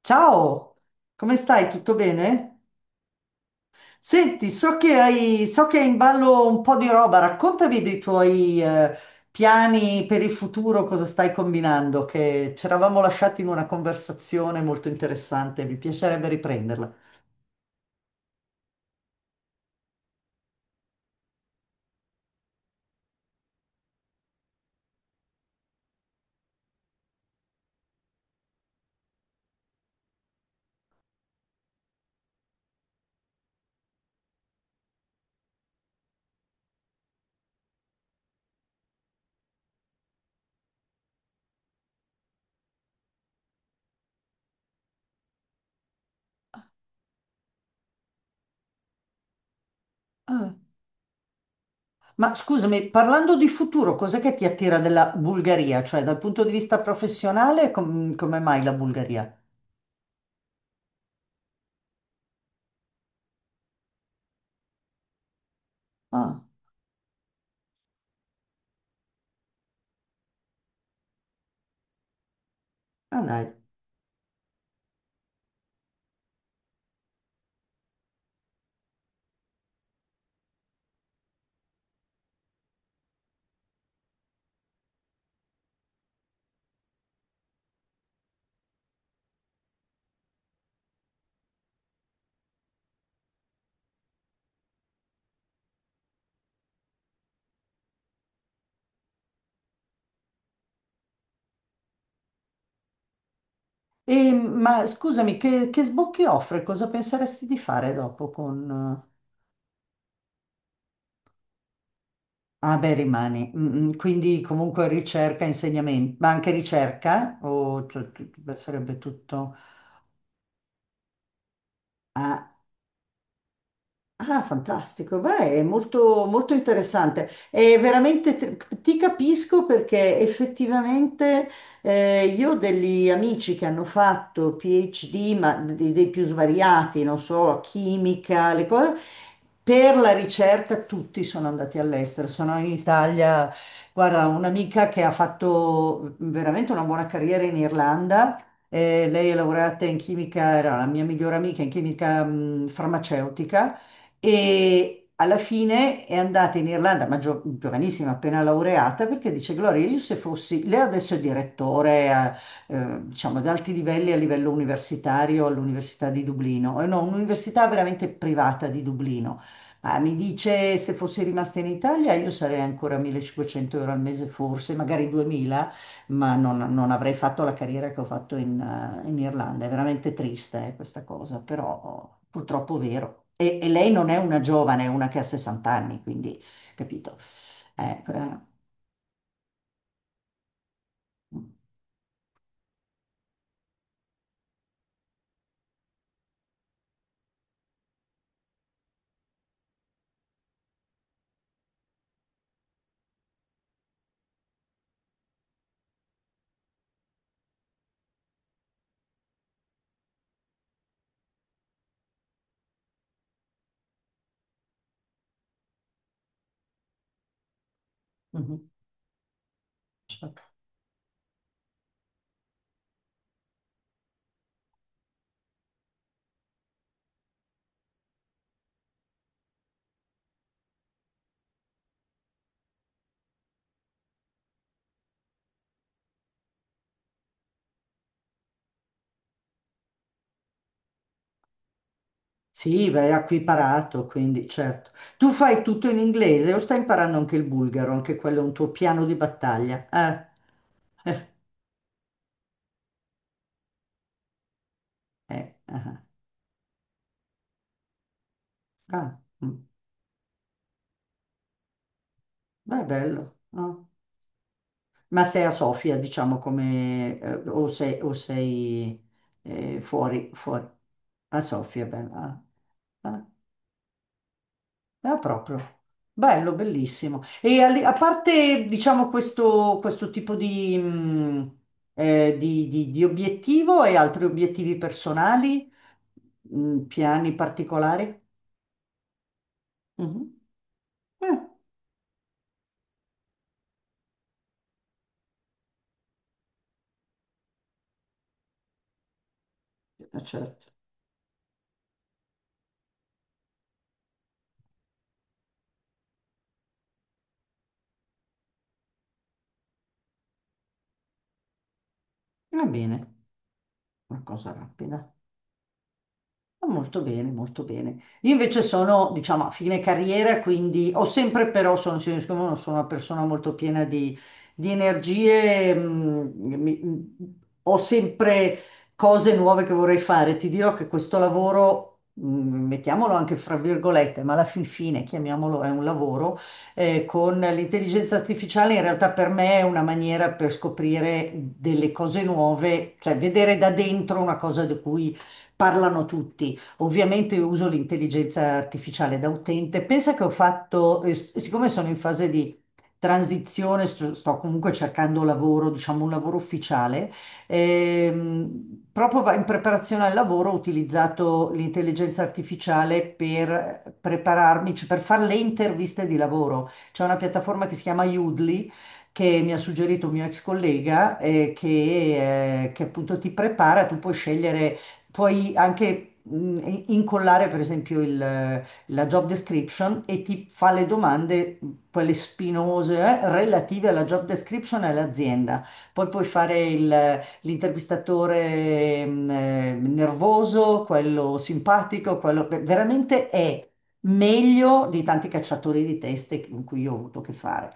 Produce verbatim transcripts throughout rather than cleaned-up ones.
Ciao, come stai? Tutto bene? Senti, so che hai, so che hai in ballo un po' di roba, raccontami dei tuoi eh, piani per il futuro, cosa stai combinando, che ci eravamo lasciati in una conversazione molto interessante, mi piacerebbe riprenderla. Ah, ma scusami, parlando di futuro, cos'è che ti attira della Bulgaria? Cioè, dal punto di vista professionale, com- come mai la Bulgaria? Ah, ah dai. E, ma scusami, che, che sbocchi offre? Cosa penseresti di fare dopo con... eh, Ah, beh, rimani. Mm, mm, quindi comunque ricerca, insegnamento, ma anche ricerca? O cioè, tu- tu- beh, sarebbe tutto. Ah, ah, fantastico, beh, è molto, molto interessante. È veramente, tr- ti capisco perché effettivamente eh, io ho degli amici che hanno fatto P H D, ma di- dei più svariati, non so, chimica, le cose. Per la ricerca tutti sono andati all'estero, sono in Italia. Guarda, un'amica che ha fatto veramente una buona carriera in Irlanda. Eh, lei è laureata in chimica, era la mia migliore amica in chimica, mh, farmaceutica e alla fine è andata in Irlanda, ma gio- giovanissima, appena laureata, perché dice: Gloria, io se fossi, lei adesso è direttore, eh, eh, diciamo, ad alti livelli a livello universitario all'Università di Dublino. Eh, no, un'università veramente privata di Dublino. Ma mi dice se fossi rimasta in Italia io sarei ancora a millecinquecento euro al mese forse, magari duemila, ma non, non avrei fatto la carriera che ho fatto in, eh, in Irlanda. È veramente triste, eh, questa cosa, però purtroppo è vero. E, e lei non è una giovane, è una che ha sessanta anni, quindi capito. Eh, eh, mhm, certo. Sì, beh, ha qui parato, quindi certo. Tu fai tutto in inglese o stai imparando anche il bulgaro? Anche quello è un tuo piano di battaglia. Eh, eh, ah, ah, mm. Beh, bello. Ah. Ma sei a Sofia, diciamo, come, eh, o sei, o sei, eh, fuori, fuori. A Sofia, bello. Ah, ah. Ah, proprio. Bello, bellissimo. E al- a parte, diciamo, questo, questo tipo di, mh, eh, di- di- di obiettivo e altri obiettivi personali, mh, piani particolari? Mhm. Eh, certo. Va bene, una cosa rapida. Ah, molto bene, molto bene. Io invece sono, diciamo, a fine carriera, quindi ho sempre però, sono, sono siccome sono una persona molto piena di, di energie, mm, mi- mm, ho sempre cose nuove che vorrei fare. Ti dirò che questo lavoro, mm, mettiamolo anche fra virgolette, ma alla fin fine, chiamiamolo, è un lavoro, eh, con l'intelligenza artificiale in realtà per me è una maniera per scoprire delle cose nuove, cioè vedere da dentro una cosa di cui parlano tutti. Ovviamente uso l'intelligenza artificiale da utente. Pensa che ho fatto, eh, siccome sono in fase di transizione, sto, sto comunque cercando lavoro, diciamo un lavoro ufficiale, ehm, proprio in preparazione al lavoro ho utilizzato l'intelligenza artificiale per prepararmi, cioè per fare le interviste di lavoro. C'è una piattaforma che si chiama Udly che mi ha suggerito un mio ex collega eh, che, eh, che appunto ti prepara, tu puoi scegliere. Puoi anche mh, incollare, per esempio, il, eh, la job description e ti fa le domande, mh, quelle spinose, eh, relative alla job description e all'azienda. Poi puoi fare il- l'intervistatore mh, eh, nervoso, quello simpatico, quello beh, veramente è meglio di tanti cacciatori di teste con cui io ho avuto a che fare.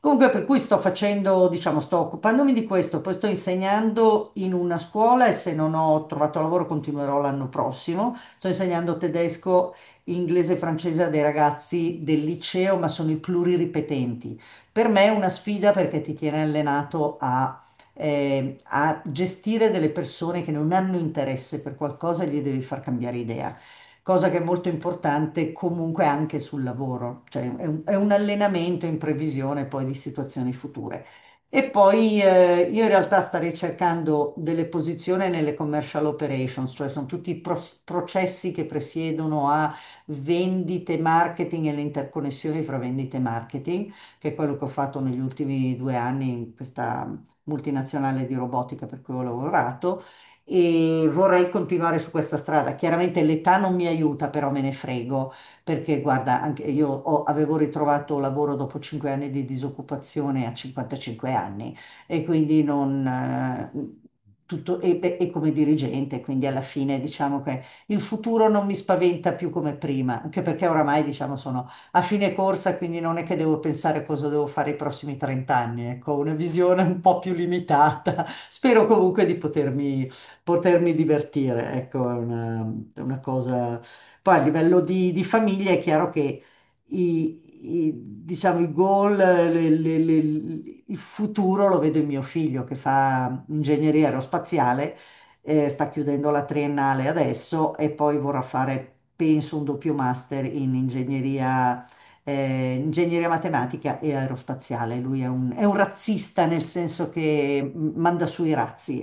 Comunque, per cui sto facendo, diciamo, sto occupandomi di questo, poi sto insegnando in una scuola e se non ho trovato lavoro continuerò l'anno prossimo. Sto insegnando tedesco, inglese e francese a dei ragazzi del liceo, ma sono i pluriripetenti. Per me è una sfida perché ti tiene allenato a, eh, a gestire delle persone che non hanno interesse per qualcosa e gli devi far cambiare idea, cosa che è molto importante comunque anche sul lavoro, cioè è un, è un allenamento in previsione poi di situazioni future. E poi eh, io in realtà starei cercando delle posizioni nelle commercial operations, cioè sono tutti i pros- processi che presiedono a vendite, marketing e le interconnessioni fra vendite e marketing, che è quello che ho fatto negli ultimi due anni in questa multinazionale di robotica per cui ho lavorato e vorrei continuare su questa strada. Chiaramente l'età non mi aiuta, però me ne frego, perché guarda, anche io ho- avevo ritrovato lavoro dopo cinque anni di disoccupazione a cinquantacinque anni e quindi non... eh, Tutto, e, beh, e come dirigente, quindi alla fine diciamo che il futuro non mi spaventa più come prima, anche perché oramai diciamo sono a fine corsa, quindi non è che devo pensare cosa devo fare i prossimi trenta anni, ecco, ho una visione un po' più limitata. Spero comunque di potermi potermi divertire, ecco, è una, è una cosa... Poi a livello di, di famiglia è chiaro che i, i- diciamo, i goal, le- le- le- il futuro lo vedo in mio figlio che fa ingegneria aerospaziale, eh, sta chiudendo la triennale adesso e poi vorrà fare, penso, un doppio master in ingegneria eh, ingegneria matematica e aerospaziale. Lui è un, è un razzista nel senso che mh, manda su i razzi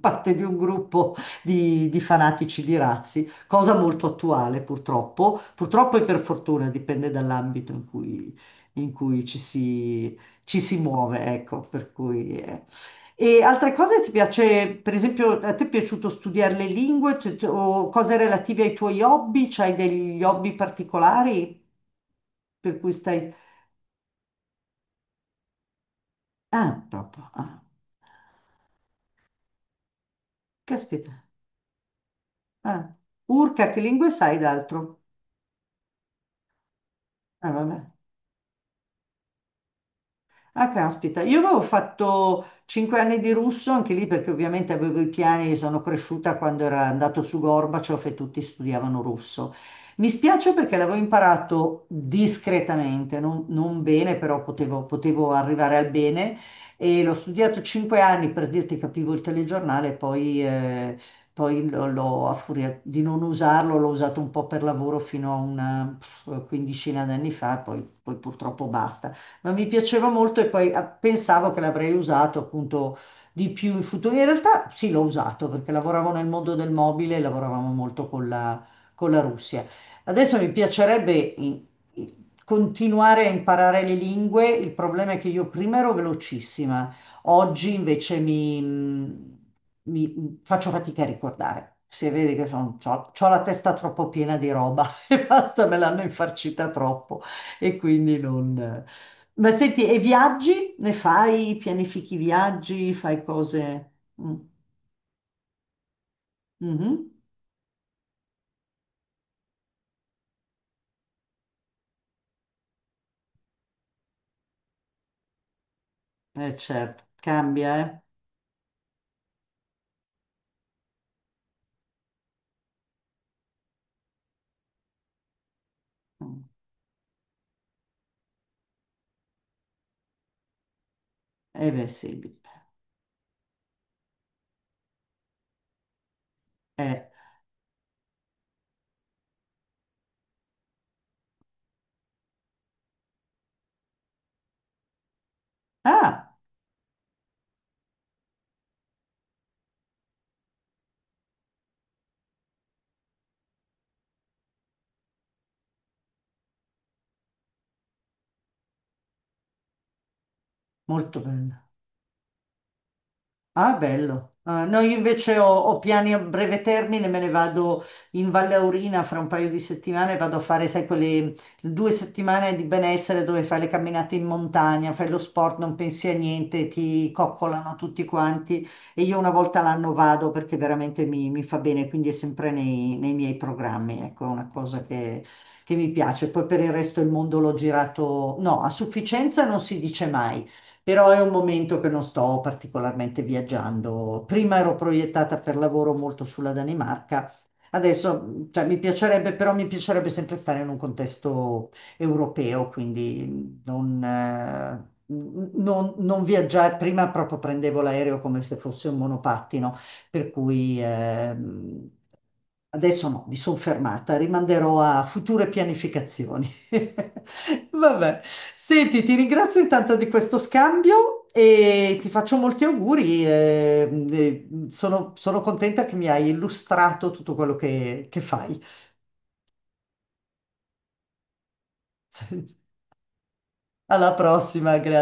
parte di un gruppo di, di fanatici di razzi, cosa molto attuale purtroppo, purtroppo e per fortuna, dipende dall'ambito in cui, in cui ci si, ci si muove, ecco, per cui... eh. E altre cose ti piace, per esempio, a te è piaciuto studiare le lingue. Cioè, t- o cose relative ai tuoi hobby? C'hai degli hobby particolari per cui stai... Ah, proprio. Ah. Caspita. Ah. Urca, che lingue sai d'altro? Ah, vabbè. Ah, caspita, io avevo fatto cinque anni di russo, anche lì perché ovviamente avevo i piani, sono cresciuta quando era andato su Gorbaciov e tutti studiavano russo. Mi spiace perché l'avevo imparato discretamente, non, non bene, però potevo, potevo arrivare al bene e l'ho studiato cinque anni per dirti capivo il telegiornale, poi, eh, poi l'ho, l'ho- a furia di non usarlo, l'ho usato un po' per lavoro fino a una pff, quindicina d'anni fa, poi poi purtroppo basta ma mi piaceva molto e poi ah, pensavo che l'avrei usato appunto di più in futuro. In realtà sì, l'ho usato perché lavoravo nel mondo del mobile e lavoravamo molto con la, con la Russia. Adesso mi piacerebbe in- in- continuare a imparare le lingue, il problema è che io prima ero velocissima, oggi invece mi, mm, mi- mm, faccio fatica a ricordare. Se vedi che sono, ho la testa troppo piena di roba e basta, me l'hanno infarcita troppo. E quindi non... Ma senti, e viaggi? Ne fai? Pianifichi viaggi? Fai cose... Mm. Mhm. Eh certo, cambia, eh? Mm. Eh beh sì. Eh. Ah, molto bene. Ah, bello. Ah, no, io invece ho, ho piani a breve termine, me ne vado in Valle Aurina fra un paio di settimane, vado a fare, sai, quelle due settimane di benessere dove fai le camminate in montagna, fai lo sport, non pensi a niente, ti coccolano tutti quanti e io una volta l'anno vado perché veramente mi, mi fa bene, quindi è sempre nei, nei miei programmi, ecco, è una cosa che, che mi piace. Poi per il resto il mondo l'ho girato, no, a sufficienza non si dice mai però è un momento che non sto particolarmente viaggiando. Prima ero proiettata per lavoro molto sulla Danimarca, adesso, cioè, mi piacerebbe, però mi piacerebbe sempre stare in un contesto europeo, quindi non... eh, non- non viaggiare, prima proprio prendevo l'aereo come se fosse un monopattino, per cui ehm, Adesso no, mi sono fermata, rimanderò a future pianificazioni. Vabbè, senti, ti ringrazio intanto di questo scambio e ti faccio molti auguri. eh, eh, sono, sono contenta che mi hai illustrato tutto quello che che fai. Alla prossima, grazie.